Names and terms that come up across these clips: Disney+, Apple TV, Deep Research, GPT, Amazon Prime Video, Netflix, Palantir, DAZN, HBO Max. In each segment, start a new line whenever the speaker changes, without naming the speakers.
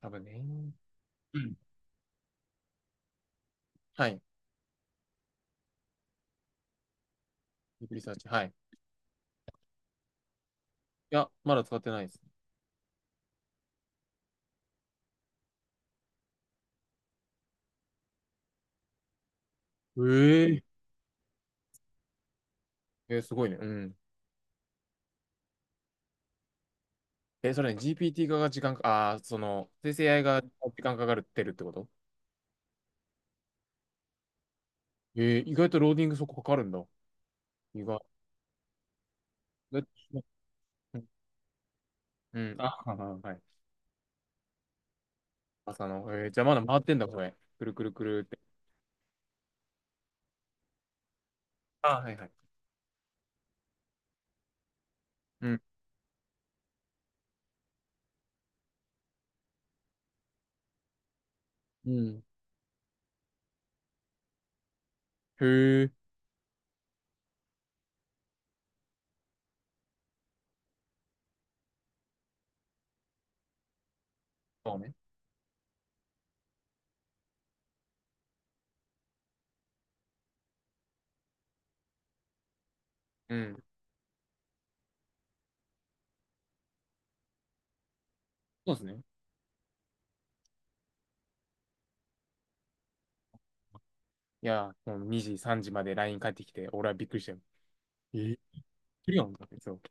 多分ね。うん。はい。ディープリサーチ。はい。いや、まだ使ってないです。えすごいね。うん。え、それね、GPT 化が時間か、その、生成 AI が時間かかるってるってこと意外とローディングそこかかるんだ。意外。うんうん。あ、はい。朝の、じゃあまだ回ってんだ、これ。くるくるくるって。あ、はいはい。うん。うん。へえ。そうね。うん。そうですね。いやー、もう2時、3時まで LINE 返ってきて、俺はびっくりしたよ。えー、来るやんだって、そう。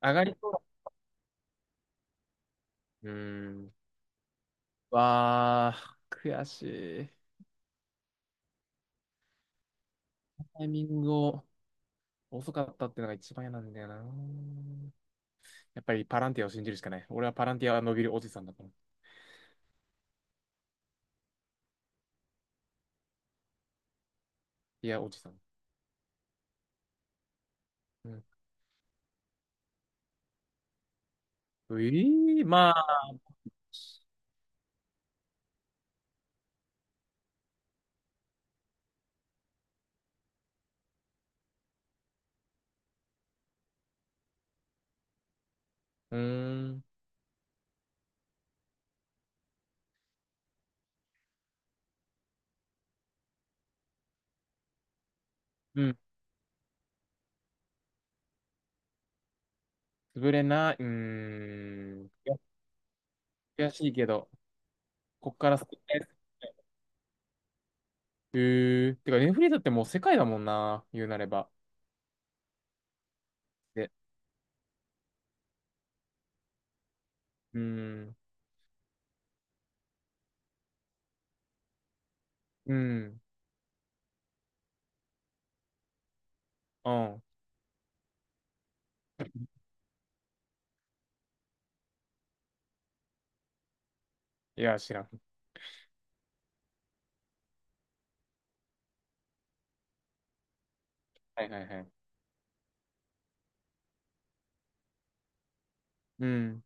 上がりそう。うーん。わあ、悔しい。タイミングを遅かったってのが一番嫌なんだよな。やっぱりパランティアを信じるしかない。俺はパランティアは伸びるおじさんだから。いや、おじさん。うん。うい、まあ、うーん、うん。潰れない、うーん。いや悔しいけど、こっから救って、うー。てか、ネフリーだってもう世界だもんな、言うなれば。で、うーん、うん、うん。いや、知らん。はいはいはい。うん。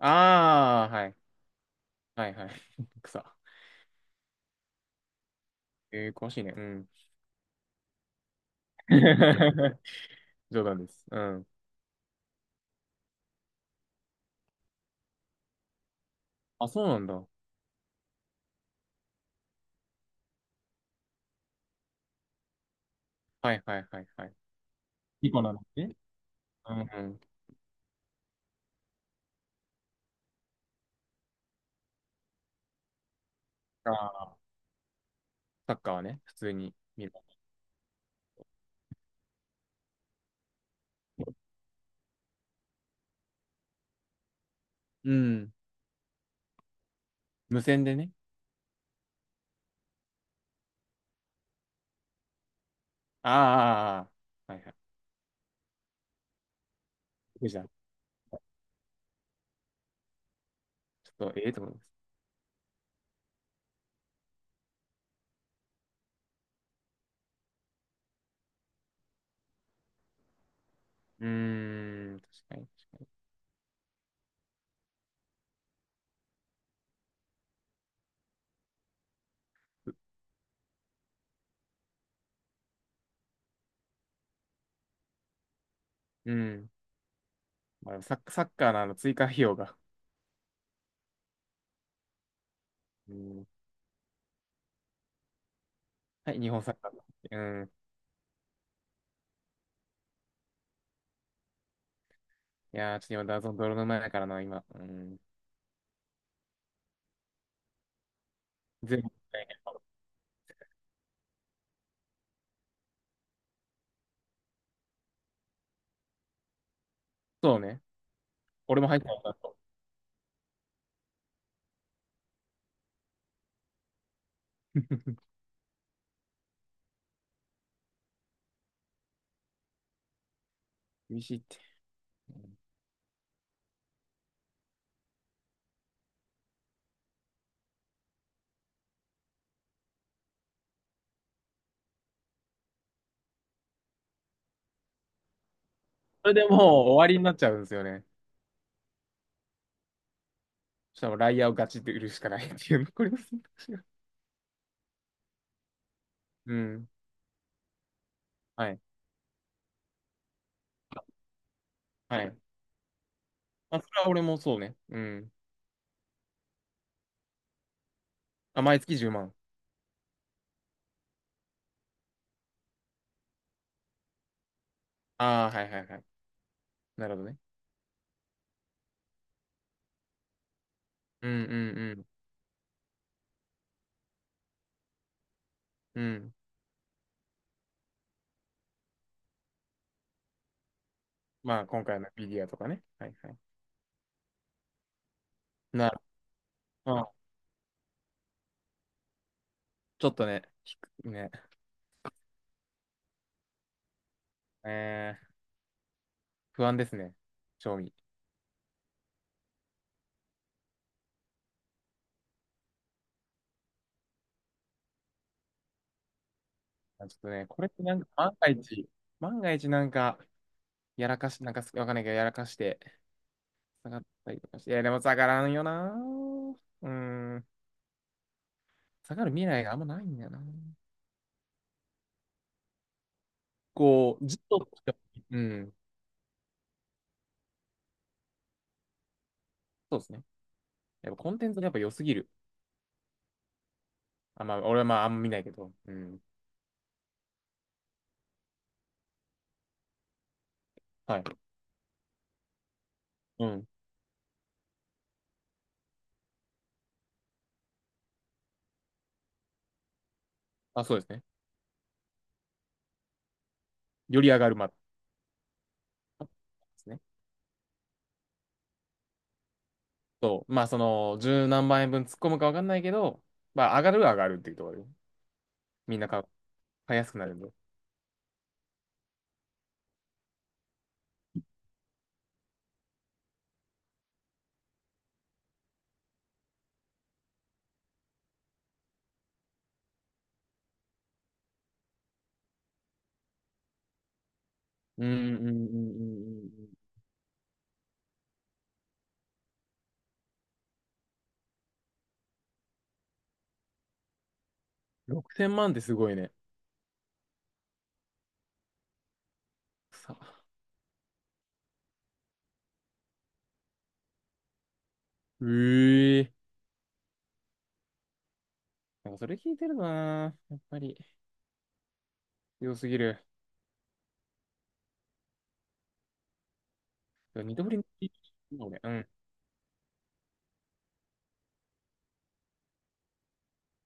ああ、はい。はいはい。草。えー、詳しいね。うん。冗談です。うん。あ、そうなんだ。はいはいはいはい。リコなのね。うんうん。ああ、サッカーはね、普通に見る。うん。無線でね。ああ、はいはい。僕じゃんちょっと、ええと思います。うーん、確かに、確かに。うん。まあ、サッ、サッカーのあの追加費用が。うん。はい、日本サッカーだ。うん。いやー、ちょっと今、ダゾーン泥沼やからな、今。うん。全部。そうね。俺も入ったんだと。厳しいって。それでもう終わりになっちゃうんですよね。そしたらもうライアーをガチって売るしかないっていう残りの選択肢が。 うん。はい。はい。まあ、それは俺もそうね。うん。あ、毎月10万。ああ、はいはいはい。なるほどね。うんうんうん。うん。まあ、今回のフィギュアとかね。はいはい。なる。まあ、ちょっとね、ひくね、えー、不安ですね。賞味。あ、ちょっとね、これってなんか万が一、万が一なんか、やらかし、なんかすわかんないけど、やらかして、下がったりとかして。いや、でも下がらんよな。うん。下がる未来があんまないんだよな。こう、ずっと、うん。そうですね。やっぱコンテンツがやっぱ良すぎる。あ、まあ、俺はまあ、あんま見ないけど。うん。はい。うん。あ、そうですね。より上がる、まあ、ですね。そう。まあ、その、十何万円分突っ込むかわかんないけど、まあ、上がるは上がるっていうところで。みんな買う、買いやすくなるんで。うん、うん、うん、うん、うん。うん。6000万ってすごいね。さ、ええ、なんかそれ聞いてるな。やっぱり。強すぎる。いや二刀流のね、俺うん。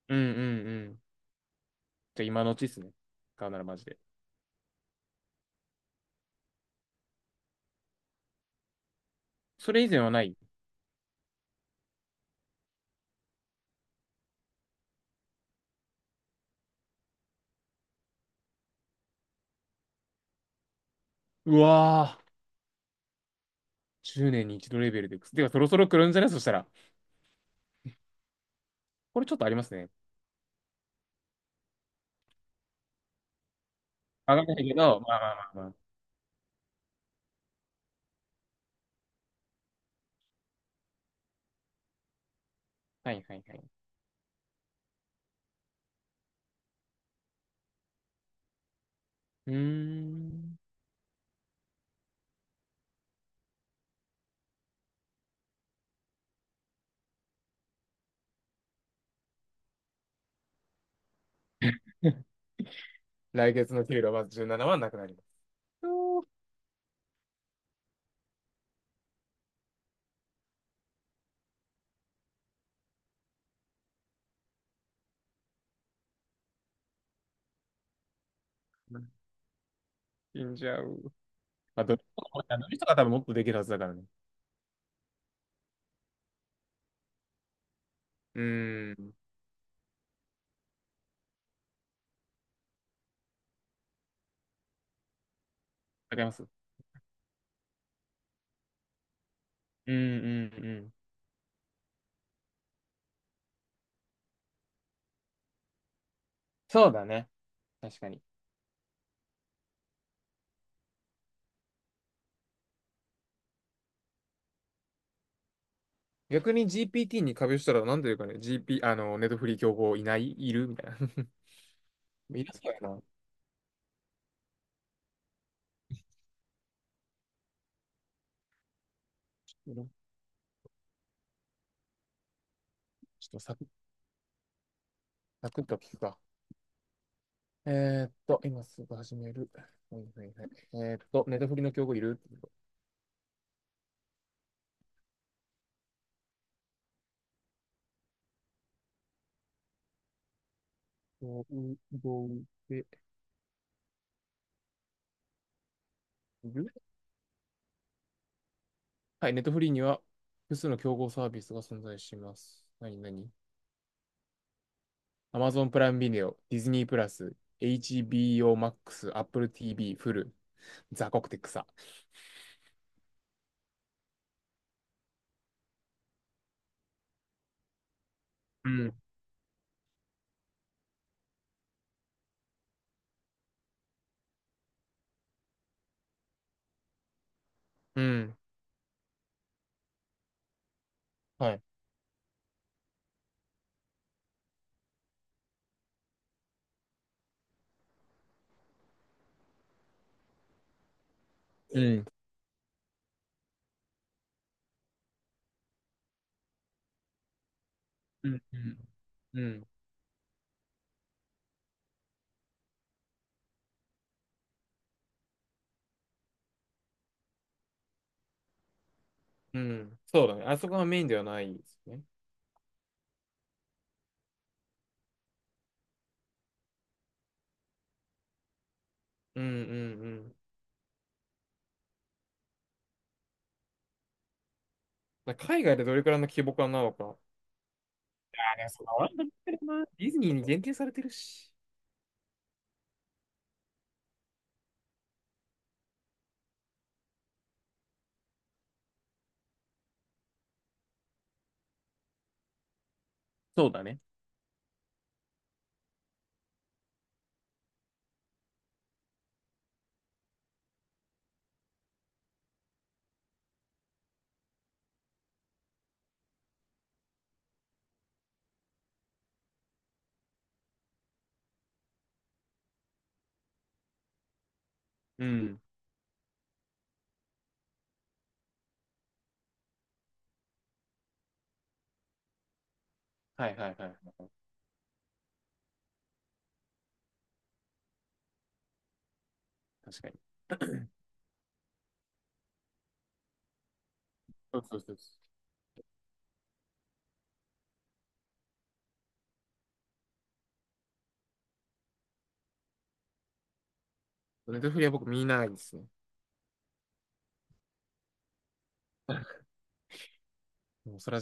うんうんうん。じゃあ今のうちっすね。買うならマジで。それ以前はない、うわぁ。10年に一度レベルで。ではそろそろ来るんじゃないそしたら。これちょっとありますね。わかんないけど、まあまあまあまあ。はいはいはい。うーん。来月の給料は17万ななはなくなります。おーん、死んじゃう。まあ、どれも、あの人が多分もっとできるはずだからね。うーん。わかります。うんうんうん。そうだね。確かに。逆に GPT に壁したらなんていうかね、GP、あの、ネットフリー競合いないいるみたいな。いるそうやな。ちょっとサクサッと聞くか。え、今すぐ始める。はいはいはい。ネットフリーの競合いる競合でいる、はい、ネットフリーには複数の競合サービスが存在します。何何？ Amazon プライムビデオ、ディズニープラス、HBO Max、Apple TV、フル、ザコクテクサ。うん。うん。はい。うん。うん、うん、うん、うん。そうだね。あそこがメインではないですね。うん、うん、うん。だから海外でどれくらいの規模感なのか。あ、でもそんなワールドカップだな。ディズニーに限定されてるし。そうだね。うん。はいはいはいはい。確かに。そうそうそうそう。ネットフリは僕見ないですね。もうそれは